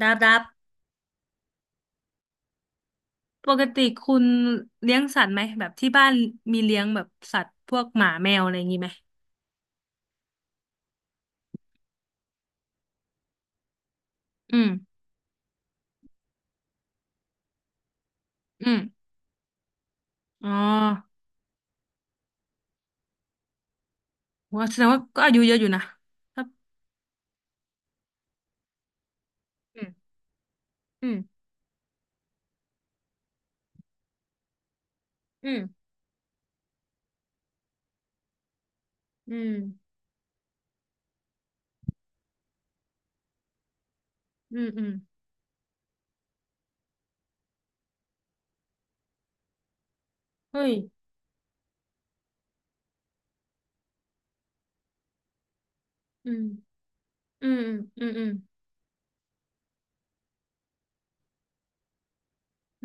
ดับดับปกติคุณเลี้ยงสัตว์ไหมแบบที่บ้านมีเลี้ยงแบบสัตว์พวกหมาแมวอะไรอย่างงี้ไหมอืมอืมอ๋อว่าแสดงว่าก็อายุเยอะอยู่นะครับอืม อืม อืม อืมอืมอืมเฮ้ยอืมอืมอืมอืม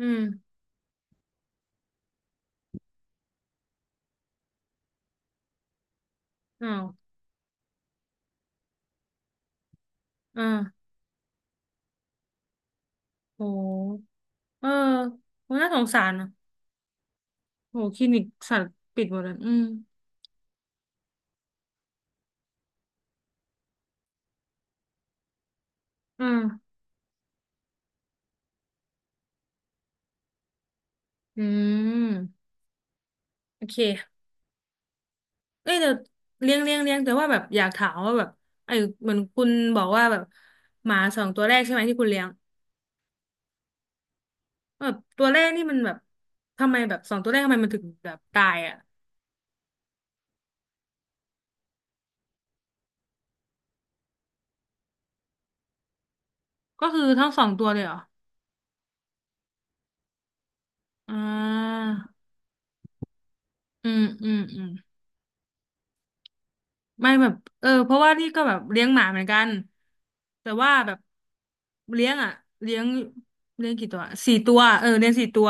อืมอ้าวอ่าโหเออโหน่าสงสารนะโหคลินิกสัตว์ปิดหมดแล้วอืมอ่าอืมโอเค เอ้ยแต่เลี้ยงแต่ว่าแบบอยากถามว่าแบบไอ้เหมือนคุณบอกว่าแบบหมาสองตัวแรกใช่ไหมที่คุณเลี้ยงแบบตัวแรกนี่มันแบบทำไมแบบสองตัวแรกทำไมมันถึงแบบตายอ่ะก็คือทั้งสองตัวเลยเหรออ่าอืมอืมอืม ไม่แบบเออเพราะว่านี่ก็แบบเลี้ยงหมาเหมือนกันแต่ว่าแบบเลี้ยงอ่ะเลี้ยงเลี้ยงกี่ตัวสี่ตัวเออเลี้ยงสี่ตัว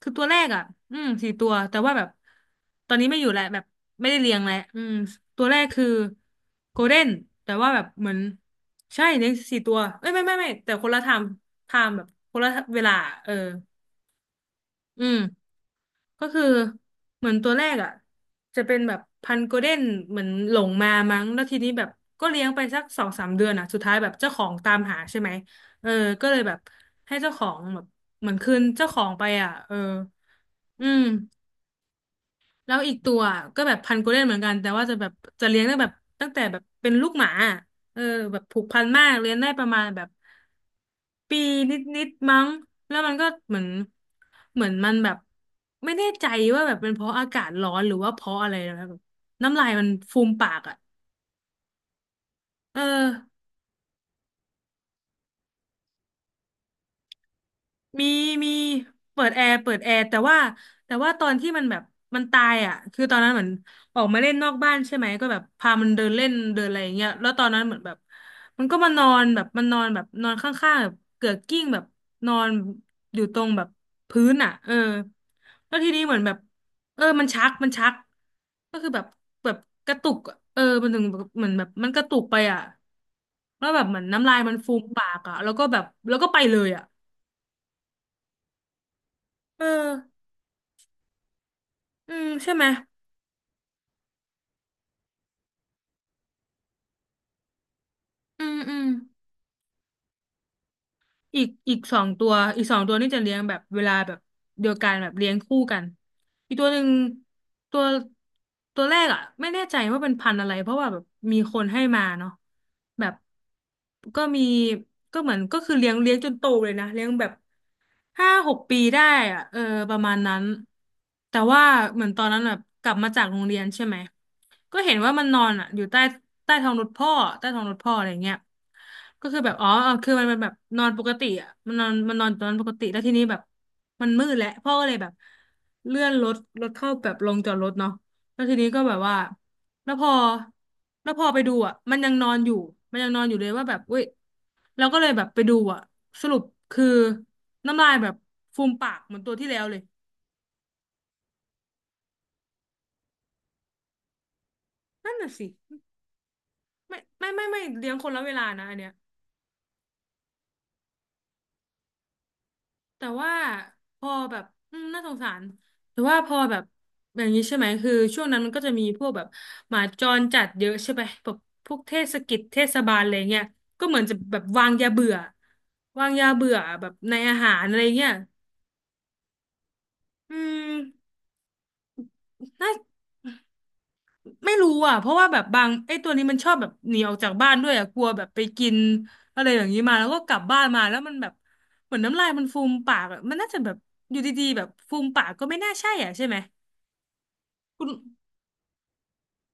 คือตัวแรกอ่ะอืมสี่ตัวแต่ว่าแบบตอนนี้ไม่อยู่แล้วแบบไม่ได้เลี้ยงแล้วอืมตัวแรกคือโกลเด้นแต่ว่าแบบเหมือนใช่เลี้ยงสี่ตัวเอ้ยไม่ไม่ไม่แต่คนละไทม์ไทม์แบบคนละเวลาเอออืม ก็คือเหมือนตัวแรกอ่ะจะเป็นแบบพันธุ์โกลเด้นเหมือนหลงมามั้งแล้วทีนี้แบบก็เลี้ยงไปสักสองสามเดือนอ่ะสุดท้ายแบบเจ้าของตามหาใช่ไหมเออก็เลยแบบให้เจ้าของแบบเหมือนคืนเจ้าของไปอ่ะเอออืม แล้วอีกตัวก็แบบพันธุ์โกลเด้นเหมือนกันแต่ว่าจะแบบจะเลี้ยงได้แบบตั้งแต่แบบเป็นลูกหมาเออแบบผูกพันมากเลี้ยงได้ประมาณแบบปีนิดๆมั้งแล้วมันก็เหมือนเหมือนมันแบบไม่แน่ใจว่าแบบเป็นเพราะอากาศร้อนหรือว่าเพราะอะไรนะแบบน้ำลายมันฟูมปากอ่ะเออ มีมีเปิดแอร์เปิดแอร์แต่ว่าแต่ว่าตอนที่มันแบบมันตายอ่ะคือตอนนั้นเหมือนออกมาเล่นนอกบ้านใช่ไหมก็แบบพามันเดินเล่นเดินอะไรอย่างเงี้ยแล้วตอนนั้นเหมือนแบบมันก็มานอนแบบมันนอนแบบนอนข้างๆแบบเกือกกิ้งแบบนอนอยู่ตรงแบบพื้นอ่ะเออแล้วทีนี้เหมือนแบบเออมันชักมันชักก็คือแบบแบบกระตุกอะเออมันถึงแบบเหมือนแบบมันกระตุกไปอ่ะแล้วแบบเหมือนน้ำลายมันฟูมปากอ่ะแล้วก็แบบแล้วก็ไปเลยอ่ะเออ อืมใช่ไหมอืมอืมอีกสองตัวอีกสองตัวนี่จะเลี้ยงแบบเวลาแบบเดียวกันแบบเลี้ยงคู่กันอีกตัวหนึ่งตัวตัวแรกอ่ะไม่แน่ใจว่าเป็นพันธุ์อะไรเพราะว่าแบบมีคนให้มาเนาะแบบก็มีก็เหมือนก็คือเลี้ยงจนโตเลยนะเลี้ยงแบบห้าหกปีได้อ่ะเออประมาณนั้นแต่ว่าเหมือนตอนนั้นแบบกลับมาจากโรงเรียนใช่ไหมก็เห็นว่ามันนอนอ่ะอยู่ใต้ใต้ท้องรถพ่อใต้ท้องรถพ่ออะไรเงี้ย ก็คือแบบอ๋อคือมันเป็นแบบนอนปกติอ่ะมันนอนตอนนั้นปกติแล้วทีนี้แบบมันมืดแล้วพ่อก็เลยแบบเลื่อนรถเข้าแบบลงจอดรถเนาะแล้วทีนี้ก็แบบว่าแล้วพอแล้วพอไปดูอ่ะมันยังนอนอยู่มันยังนอนอยู่เลยว่าแบบเว้ยเราก็เลยแบบไปดูอ่ะสรุปคือน้ำลายแบบฟูมปากเหมือนตัวที่แล้วเลยนั่นน่ะสิไม่ไม่ไม่ไม่เลี้ยงคนละเวลานะอันเนี้ย แต่ว่าพอแบบอืมน่าสงสารแต่ว่าพอแบบอย่างนี้ใช่ไหมคือช่วงนั้นมันก็จะมีพวกแบบหมาจรจัดเยอะใช่ไหมแบบพวกเทศกิจเทศบาลอะไรเงี้ยก็เหมือนจะแบบวางยาเบื่อวางยาเบื่อแบบในอาหารอะไรเงี้ยอืมน่าไม่รู้อ่ะเพราะว่าแบบบางไอ้ตัวนี้มันชอบแบบหนีออกจากบ้านด้วยอ่ะกลัวแบบไปกินอะไรอย่างนี้มาแล้วก็กลับบ้านมาแล้วมันแบบเหมือนน้ำลายมันฟูมปากอะมันน่าจะแบบอยู่ดีๆแบบฟูมปากก็ไม่น่าใช่อ่ะใช่ไหม คุณ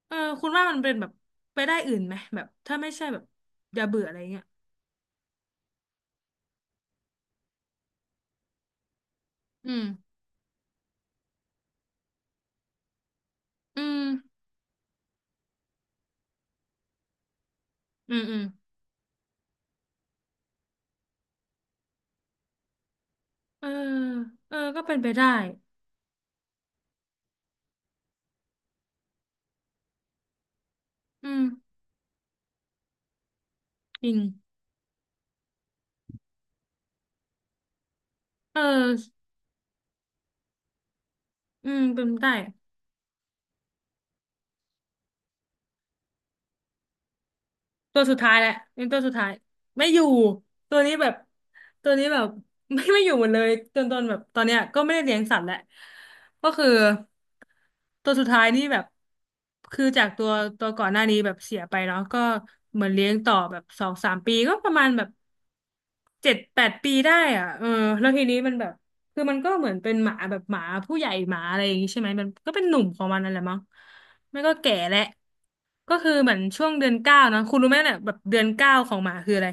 เออคุณว่ามันเป็นแบบไปได้อื่นไหมแบบถ้าไม่ใช่แบบอย่าเบื่ออะไรเงี้ยอืมอืมอืมอืมเออเออก็เป็นไปได้ อืมจริงเอออืมเป็นไปได้ ตัวสุดท้ายแหละเป็นตัวสุดท้ายไม่อยู่ตัวนี้แบบตัวนี้แบบ ไม่อยู่หมดเลยจนตนแบบตอนเนี้ยก็ไม่ได้เลี้ยงสัตว์แหละก็คือตัวสุดท้ายนี่แบบคือจากตัวก่อนหน้านี้แบบเสียไปเนาะก็เหมือนเลี้ยงต่อแบบสองสามปีก็ประมาณแบบเจ็ดแปดปีได้อ่ะเออแล้วทีนี้มันแบบ คือมันก็เหมือนเป็นหมาแบบหมาผู้ใหญ่หมาอะไรอย่างงี้ใช่ไหมมันก็เป็นหนุ่มของมันนั่นแหละมั้งไม่ก็แก่แหละก็คือเหมือนช่วงเดือนเก้านะคุณรู้ไหมเนี่ยแบบเดือนเก้าของหมาคืออะไร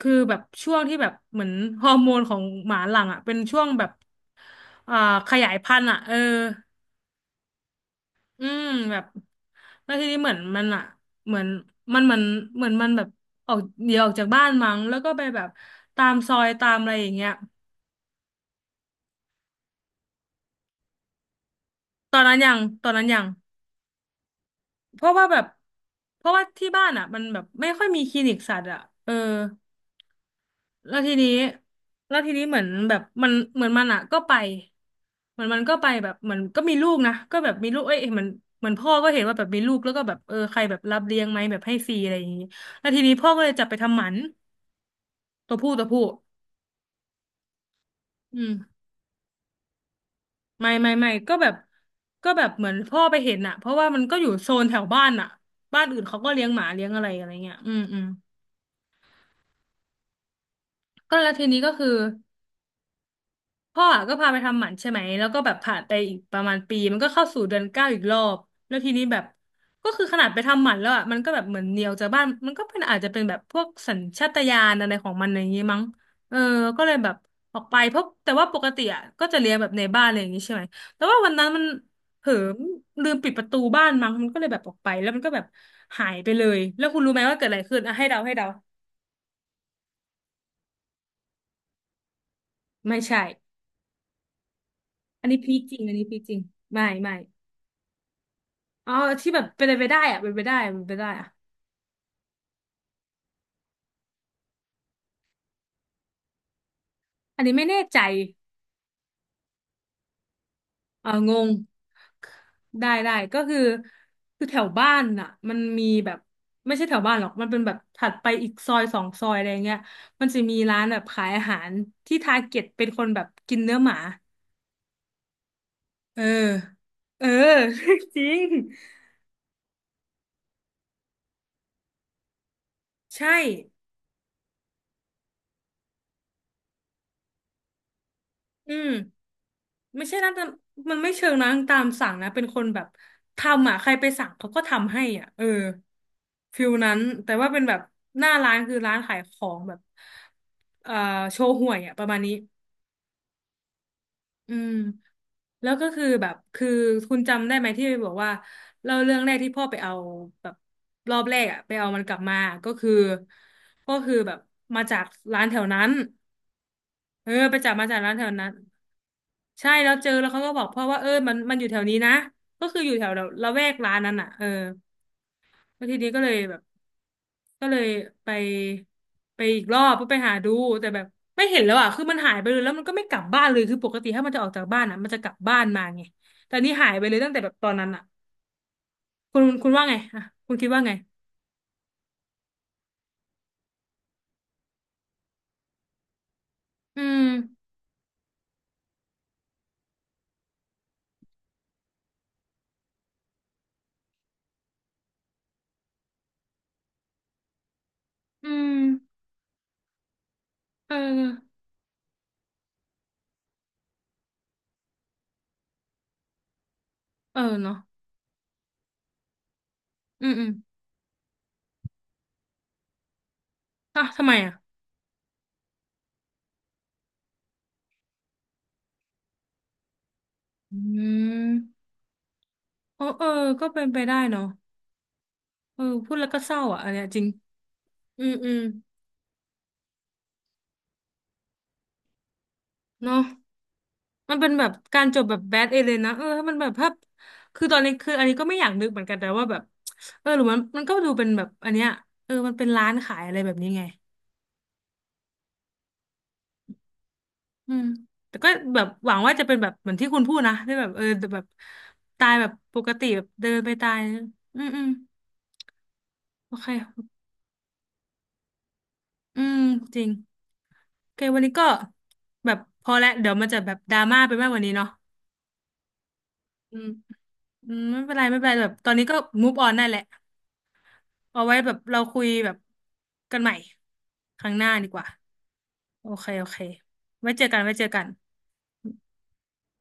คือแบบช่วงที่แบบเหมือนฮอร์โมนของหมาหลังอ่ะเป็นช่วงแบบอ่าขยายพันธุ์อ่ะเอออืมแบบแล้วทีนี้เหมือนมันอ่ะเหมือนมันเหมือนเหมือนมันแบบออกเดี๋ยวออกจากบ้านมั้งแล้วก็ไปแบบตามซอยตามอะไรอย่างเงี้ยตอนนั้นยังตอนนั้นยัง เพราะว่าแบบเพราะว่าที่บ้านอ่ะมันแบบไม่ค่อยมีคลินิกสัตว์อ่ะเออแล้วทีนี้แล้วทีนี้เหมือนแบบมันเหมือนมันอ่ะก็ไปเหมือนมันก็ไปแบบเหมือนก็มีลูกนะก็แบบมีลูกเอ้ยเหมือนเหมือนพ่อก็เห็นว่าแบบมีลูกแล้วก็แบบเออใครแบบรับเลี้ยงไหมแบบให้ฟรีอะไรอย่างงี้แล้วทีนี้พ่อก็เลยจับไปทำหมันตัวผู้ตัวผู้อืมไม่ไม่ไม่ก็แบบก็แบบเหมือนพ่อไปเห็นอ่ะเพราะว่ามันก็อยู่โซนแถวบ้านอ่ะบ้านอื่นเขาก็เลี้ยงหมาเลี้ยงอะไรอะไรเงี้ยอืมอืมก็แล้วทีนี้ก็คือ พ่ออะก็พาไปทำหมันใช่ไหมแล้วก็แบบผ่านไปอีกประมาณปีมันก็เข้าสู่เดือนเก้าอีกรอบแล้วทีนี้แบบก็คือขนาดไปทำหมันแล้วอ่ะมันก็แบบเหมือนเหนียวจากบ้านมันก็เป็นอาจจะเป็นแบบพวกสัญชาตญาณอะไรของมันอย่างงี้มั้งเออก็เลยแบบออกไปเพราะแต่ว่าปกติอ่ะก็จะเลี้ยงแบบในบ้านอะไรอย่างงี้ใช่ไหมแต่ว่าวันนั้นมันเผลอลืมปิดประตูบ้านมั้งมันก็เลยแบบออกไปแล้วมันก็แบบหายไปเลยแล้วคุณรู้ไหมว่าเกิดอะไรขึ้นอ่ะให้เดาให้เดาไม่ใช่อันนี้พีคจริงอันนี้พีคจริงไม่ไม่ อ๋อที่แบบเป็นไปได้อะเป็นไปได้เป็นไปได้อะอันนี้ไม่แน่ใจเอองงได้ได้ก็คือคือแถวบ้านน่ะมันมีแบบไม่ใช่แถวบ้านหรอกมันเป็นแบบถัดไปอีกซอยสองซอยอะไรเงี้ยมันจะมีร้านแบบขายอาหารที่ทาร์เก็ตเป็นคนแบบกินเนื้อหมาเออเออ จริงใช่ อืมไม่ใช่นะแต่มันไม่เชิงนะตามสั่งนะเป็นคนแบบทำอ่ะใครไปสั่งเขาก็ทำให้อ่ะเออฟิลนั้นแต่ว่าเป็นแบบหน้าร้านคือร้านขายของแบบเอ่อโชห่วยอ่ะประมาณนี้อืมแล้วก็คือแบบคือคุณจำได้ไหมที่บอกว่าเล่าเรื่องแรกที่พ่อไปเอาแบบรอบแรกอ่ะไปเอามันกลับมาก็คือก็คือแบบมาจากร้านแถวนั้นเออไปจับมาจากร้านแถวนั้น ใช่แล้วเจอแล้วเขาก็บอกพ่อว่าเออมันมันอยู่แถวนี้นะก็คืออยู่แถวละแวกร้านนั้นอ่ะเออแล้วทีนี้ก็เลยแบบก็เลยไปไปอีกรอบเพื่อไปหาดูแต่แบบไม่เห็นแล้วอ่ะคือมันหายไปเลยแล้วมันก็ไม่กลับบ้านเลยคือปกติถ้ามันจะออกจากบ้านอ่ะมันจะกลับบ้านมาไงแต่อันนี่หายไปเลยตั้งแต่แบบตอนนั้นอ่ะคุณว่าไงอ่ะคุณคิดว่าไงอืมอืมเออเออเนาะอืมอืมอ่ะทำไมอ่ะอืมเออเออก็เป็นไปได้เนาะเออพูดแล้วก็เศร้าอ่ะอันเนี้ยจริง อืมอืมเนาะมันเป็นแบบการจบแบบแบดเอเลยนะเออถ้ามันแบบภาพคือตอนนี้คืออันนี้ก็ไม่อยากนึกเหมือนกันแต่ว่าแบบเออหรือมันมันก็ดูเป็นแบบอันเนี้ยเออมันเป็นร้านขายอะไรแบบนี้ไงอืมแต่ก็แบบหวังว่าจะเป็นแบบเหมือนที่คุณพูดนะที่แบบเออแต่แบบตายแบบปกติแบบเดินไปตายอืมอืมโอเคอืมจริงโอเควันนี้ก็แบบพอแล้วเดี๋ยวมันจะแบบดราม่าไปมากกว่านี้เนาะอืมอืมไม่เป็นไรไม่เป็นไรแบบตอนนี้ก็ move on ได้แหละ เอาไว้แบบเราคุยแบบกันใหม่ครั้งหน้าดีกว่าโอเคโอเคไว้เจอกันไว้เจอกัน